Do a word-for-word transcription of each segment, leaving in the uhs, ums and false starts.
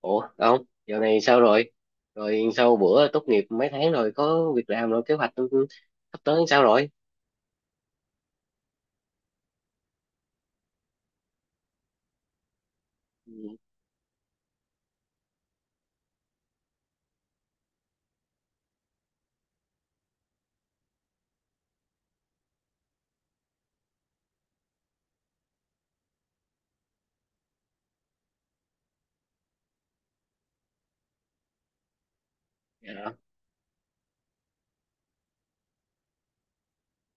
Ủa không, giờ này sao rồi? Rồi sau bữa tốt nghiệp mấy tháng rồi có việc làm rồi kế hoạch sắp tới sao rồi? Ừ, dạ.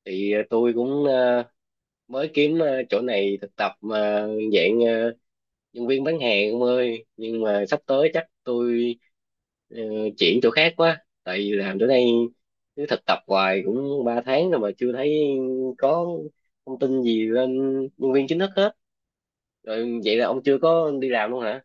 Thì ờ, tôi cũng ờ, mới kiếm ờ, chỗ này thực tập mà dạng ờ, nhân viên bán hàng ông ơi, nhưng mà sắp tới chắc tôi ờ, chuyển chỗ khác quá, tại vì làm chỗ này cứ thực tập hoài cũng ba tháng rồi mà chưa thấy có thông tin gì lên nhân viên chính thức hết. Rồi vậy là ông chưa có đi làm luôn hả?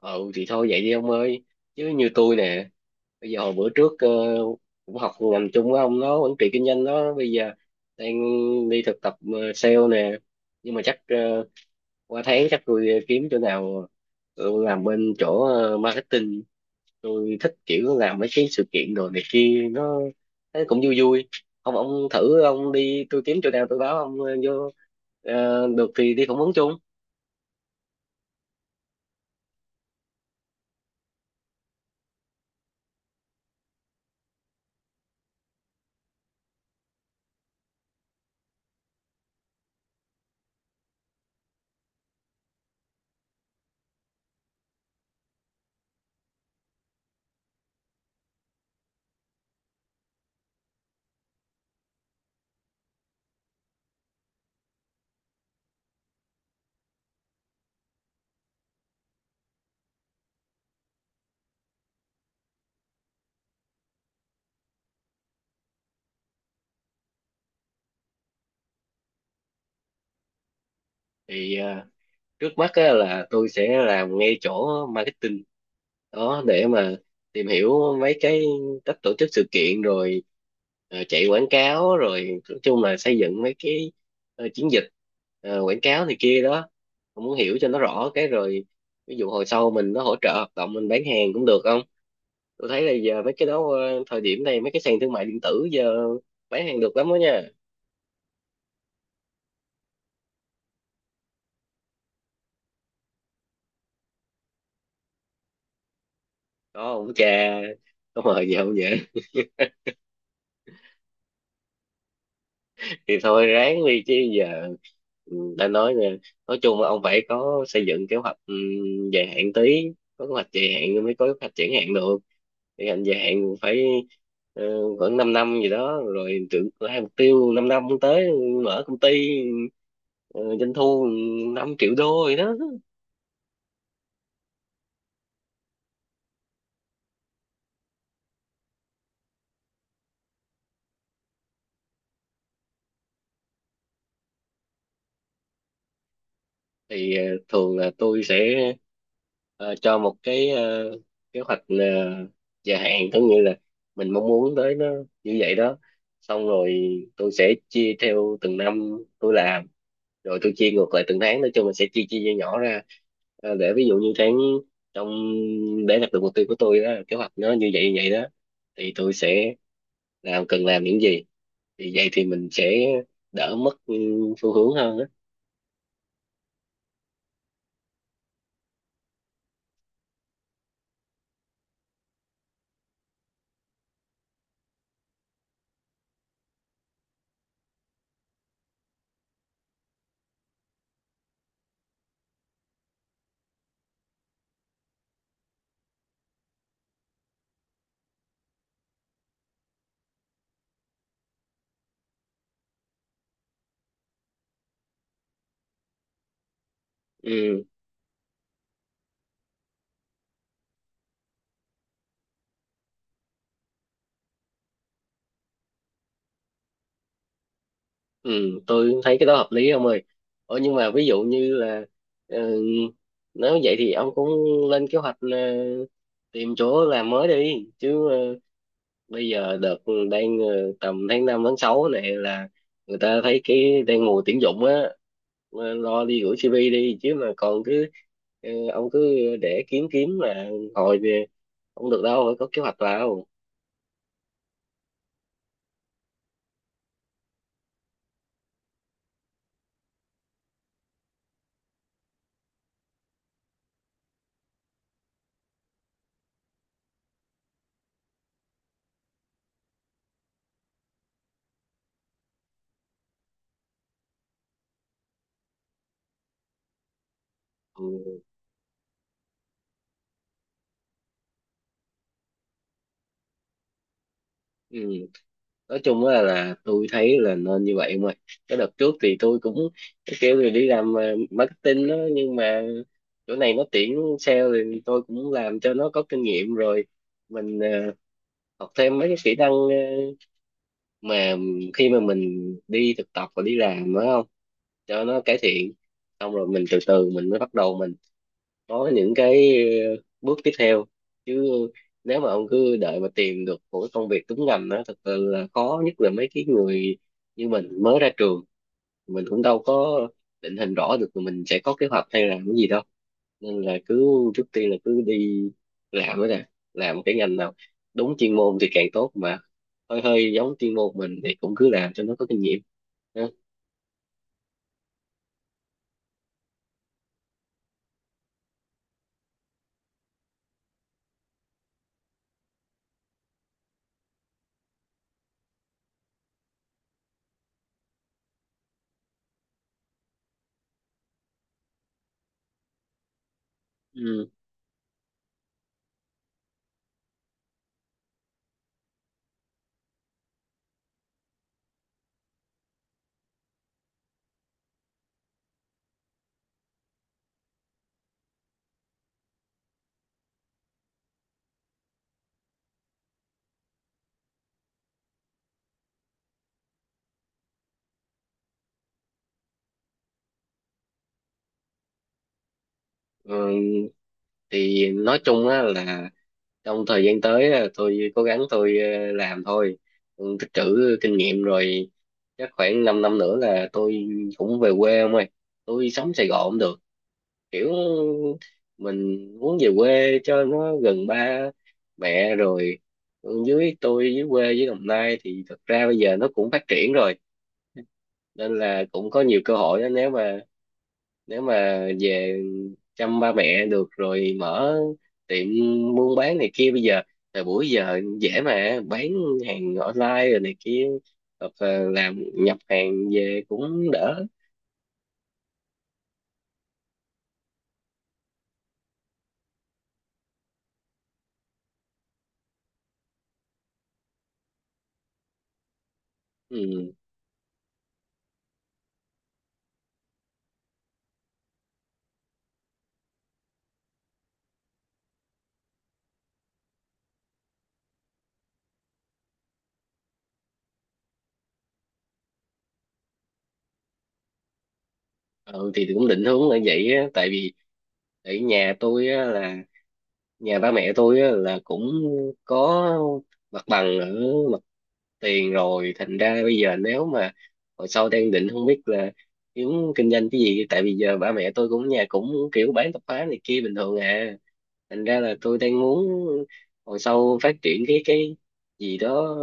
Ừ thì thôi vậy đi ông ơi, chứ như tôi nè, bây giờ hồi bữa trước ờ, cũng học ngành chung với ông đó, quản trị kinh doanh đó, bây giờ đang đi thực tập ờ, sale nè, nhưng mà chắc ờ, qua tháng chắc tôi ờ, kiếm chỗ nào tôi làm bên chỗ ờ, marketing. Tôi thích kiểu làm mấy cái sự kiện đồ này kia, nó thấy cũng vui vui. Không ông thử, ông đi tôi kiếm chỗ nào tôi báo ông ờ, vô. Ờ, được thì đi phỏng vấn chung. Thì ờ, trước mắt á, là tôi sẽ làm ngay chỗ marketing đó để mà tìm hiểu mấy cái cách tổ chức sự kiện rồi ờ, chạy quảng cáo. Rồi nói chung là xây dựng mấy cái ờ, chiến dịch ờ, quảng cáo này kia đó. Tôi muốn hiểu cho nó rõ cái rồi, ví dụ hồi sau mình nó hỗ trợ hoạt động mình bán hàng cũng được không. Tôi thấy là giờ mấy cái đó, ờ, thời điểm này mấy cái sàn thương mại điện tử giờ bán hàng được lắm đó nha. Có ông cha, có mời gì không vậy? Thì thôi ráng đi chứ giờ. Ừ, đã nói rồi, nói chung là ông phải có xây dựng kế hoạch, ừ, dài hạn tí. Có kế hoạch dài hạn mới có kế hoạch triển hạn được. Thì hạn dài hạn phải ờ, khoảng 5 năm gì đó rồi. Tưởng hai mục tiêu 5 năm tới mở công ty, ờ, doanh thu năm triệu đô gì đó. Thì ờ, thường là tôi sẽ ờ, cho một cái ờ, kế hoạch ờ, dài hạn, có nghĩa là mình mong muốn tới nó như vậy đó. Xong rồi tôi sẽ chia theo từng năm tôi làm, rồi tôi chia ngược lại từng tháng, nói chung mình sẽ chia chia nhỏ ra. Ờ, để ví dụ như tháng trong, để đạt được mục tiêu của tôi đó, kế hoạch nó như vậy như vậy đó, thì tôi sẽ làm, cần làm những gì. Thì vậy thì mình sẽ đỡ mất, ừ, phương hướng hơn á. Ừ. Ừ, tôi thấy cái đó hợp lý ông ơi. Ờ, nhưng mà ví dụ như là ờ, nếu vậy thì ông cũng lên kế hoạch ờ, tìm chỗ làm mới đi chứ. ờ, Bây giờ đợt đang ờ, tầm tháng năm tháng sáu này là người ta thấy cái đang mùa tuyển dụng á. Ờ, lo đi gửi xê vê đi chứ, mà còn cứ ờ, ông cứ để kiếm kiếm là hồi về không được đâu, phải có kế hoạch vào. Ừ. Ừ, nói chung là, là tôi thấy là nên như vậy. Mà cái đợt trước thì tôi cũng kêu là đi làm ờ, marketing đó, nhưng mà chỗ này nó tuyển sale thì tôi cũng làm cho nó có kinh nghiệm rồi, mình ờ, học thêm mấy cái kỹ năng ờ, mà khi mà mình đi thực tập và đi làm phải không, cho nó cải thiện. Xong rồi mình từ từ mình mới bắt đầu mình có những cái ờ, bước tiếp theo. Chứ nếu mà ông cứ đợi mà tìm được một cái công việc đúng ngành đó, thật sự là khó, nhất là mấy cái người như mình mới ra trường, mình cũng đâu có định hình rõ được là mình sẽ có kế hoạch hay làm cái gì đâu. Nên là cứ trước tiên là cứ đi làm đó nè, làm cái ngành nào đúng chuyên môn thì càng tốt, mà hơi hơi giống chuyên môn mình thì cũng cứ làm cho nó có kinh nghiệm ha. Ừ. Ừ, thì nói chung á là trong thời gian tới à, tôi cố gắng tôi ờ, làm thôi. Ừ, tích trữ kinh nghiệm rồi chắc khoảng 5 năm năm nữa là tôi cũng về quê ông ơi. Tôi sống Sài Gòn cũng được, kiểu mình muốn về quê cho nó gần ba mẹ rồi. Ừ, dưới tôi dưới quê với Đồng Nai thì thật ra bây giờ nó cũng phát triển rồi, nên là cũng có nhiều cơ hội đó. Nếu mà nếu mà về chăm ba mẹ được rồi mở tiệm buôn bán này kia, bây giờ thời buổi giờ dễ mà bán hàng online rồi này kia, hoặc là làm nhập hàng về cũng đỡ. Ừ. Ừ, thì cũng định hướng là vậy á. Tại vì ở nhà tôi á là nhà ba mẹ tôi á là cũng có mặt bằng ở tiền rồi, thành ra bây giờ nếu mà hồi sau đang định không biết là kiếm kinh doanh cái gì. Tại vì giờ ba mẹ tôi cũng nhà cũng kiểu bán tạp hóa này kia bình thường à, thành ra là tôi đang muốn hồi sau phát triển cái cái gì đó,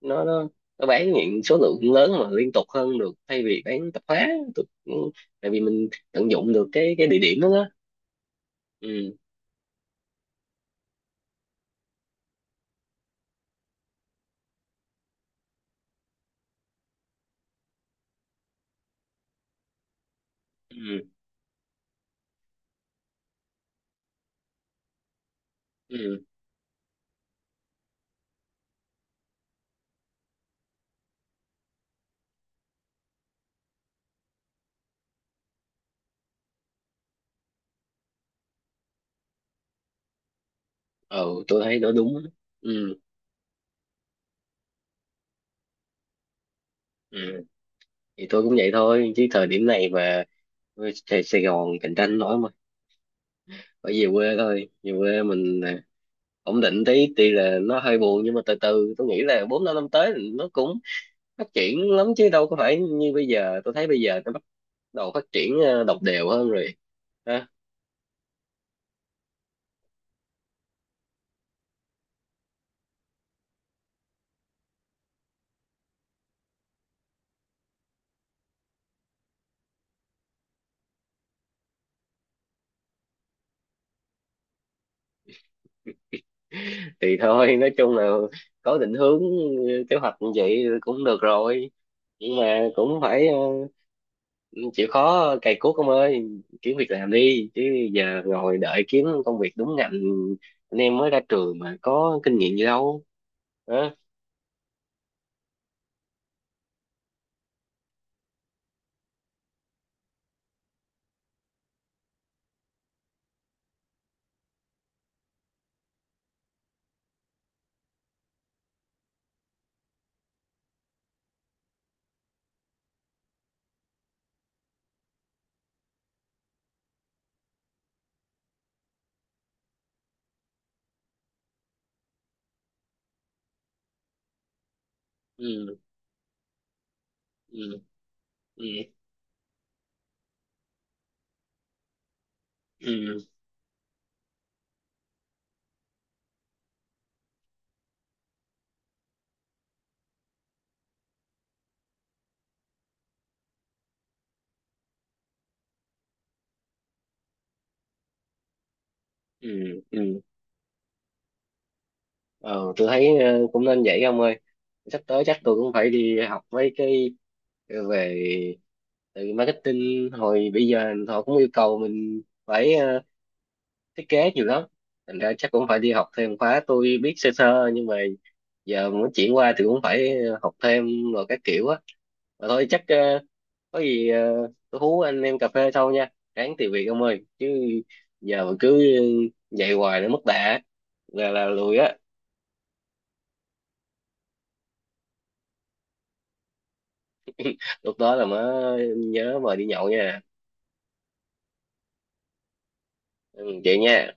nó nó nó bán những số lượng lớn mà liên tục hơn được, thay vì bán tạp hóa. Tôi, tại vì mình tận dụng được cái cái địa điểm đó, đó. Ừ. Ừ. Ừ. Ừ. Ừ, tôi thấy nó đúng. Ừ. Ừ. Thì tôi cũng vậy thôi chứ thời điểm này mà Sài Sài Gòn cạnh tranh nổi mà, phải về quê thôi. Về quê mình à, ổn định tí, tuy là nó hơi buồn nhưng mà từ từ tôi nghĩ là bốn năm năm tới thì nó cũng phát triển lắm chứ đâu có phải như bây giờ. Tôi thấy bây giờ nó bắt đầu phát triển ờ, đồng đều hơn rồi. Thì thôi nói chung là có định hướng, ừ, kế hoạch như vậy cũng được rồi, nhưng mà cũng phải ờ, chịu khó cày cuốc ông ơi, kiếm việc làm đi chứ. Giờ ngồi đợi kiếm công việc đúng ngành, anh em mới ra trường mà có kinh nghiệm gì đâu, hả? Ừ. Ừ. Ừ. Ừ. Ừ. Ừ. ờ tôi thấy ờ, cũng nên vậy ông ơi. Sắp tới chắc tôi cũng phải đi học mấy cái về từ marketing hồi bây giờ họ cũng yêu cầu mình phải ờ, thiết kế nhiều lắm, thành ra chắc cũng phải đi học thêm khóa. Tôi biết sơ sơ nhưng mà giờ muốn chuyển qua thì cũng phải học thêm rồi các kiểu á. Mà thôi chắc ờ, có gì ờ, tôi hú anh em cà phê sau nha, ráng tìm việc ông ơi chứ giờ mà cứ dạy hoài nó mất đà, là là lùi á. Lúc đó là mới nhớ mời đi nhậu nha. Ừ, vậy nha.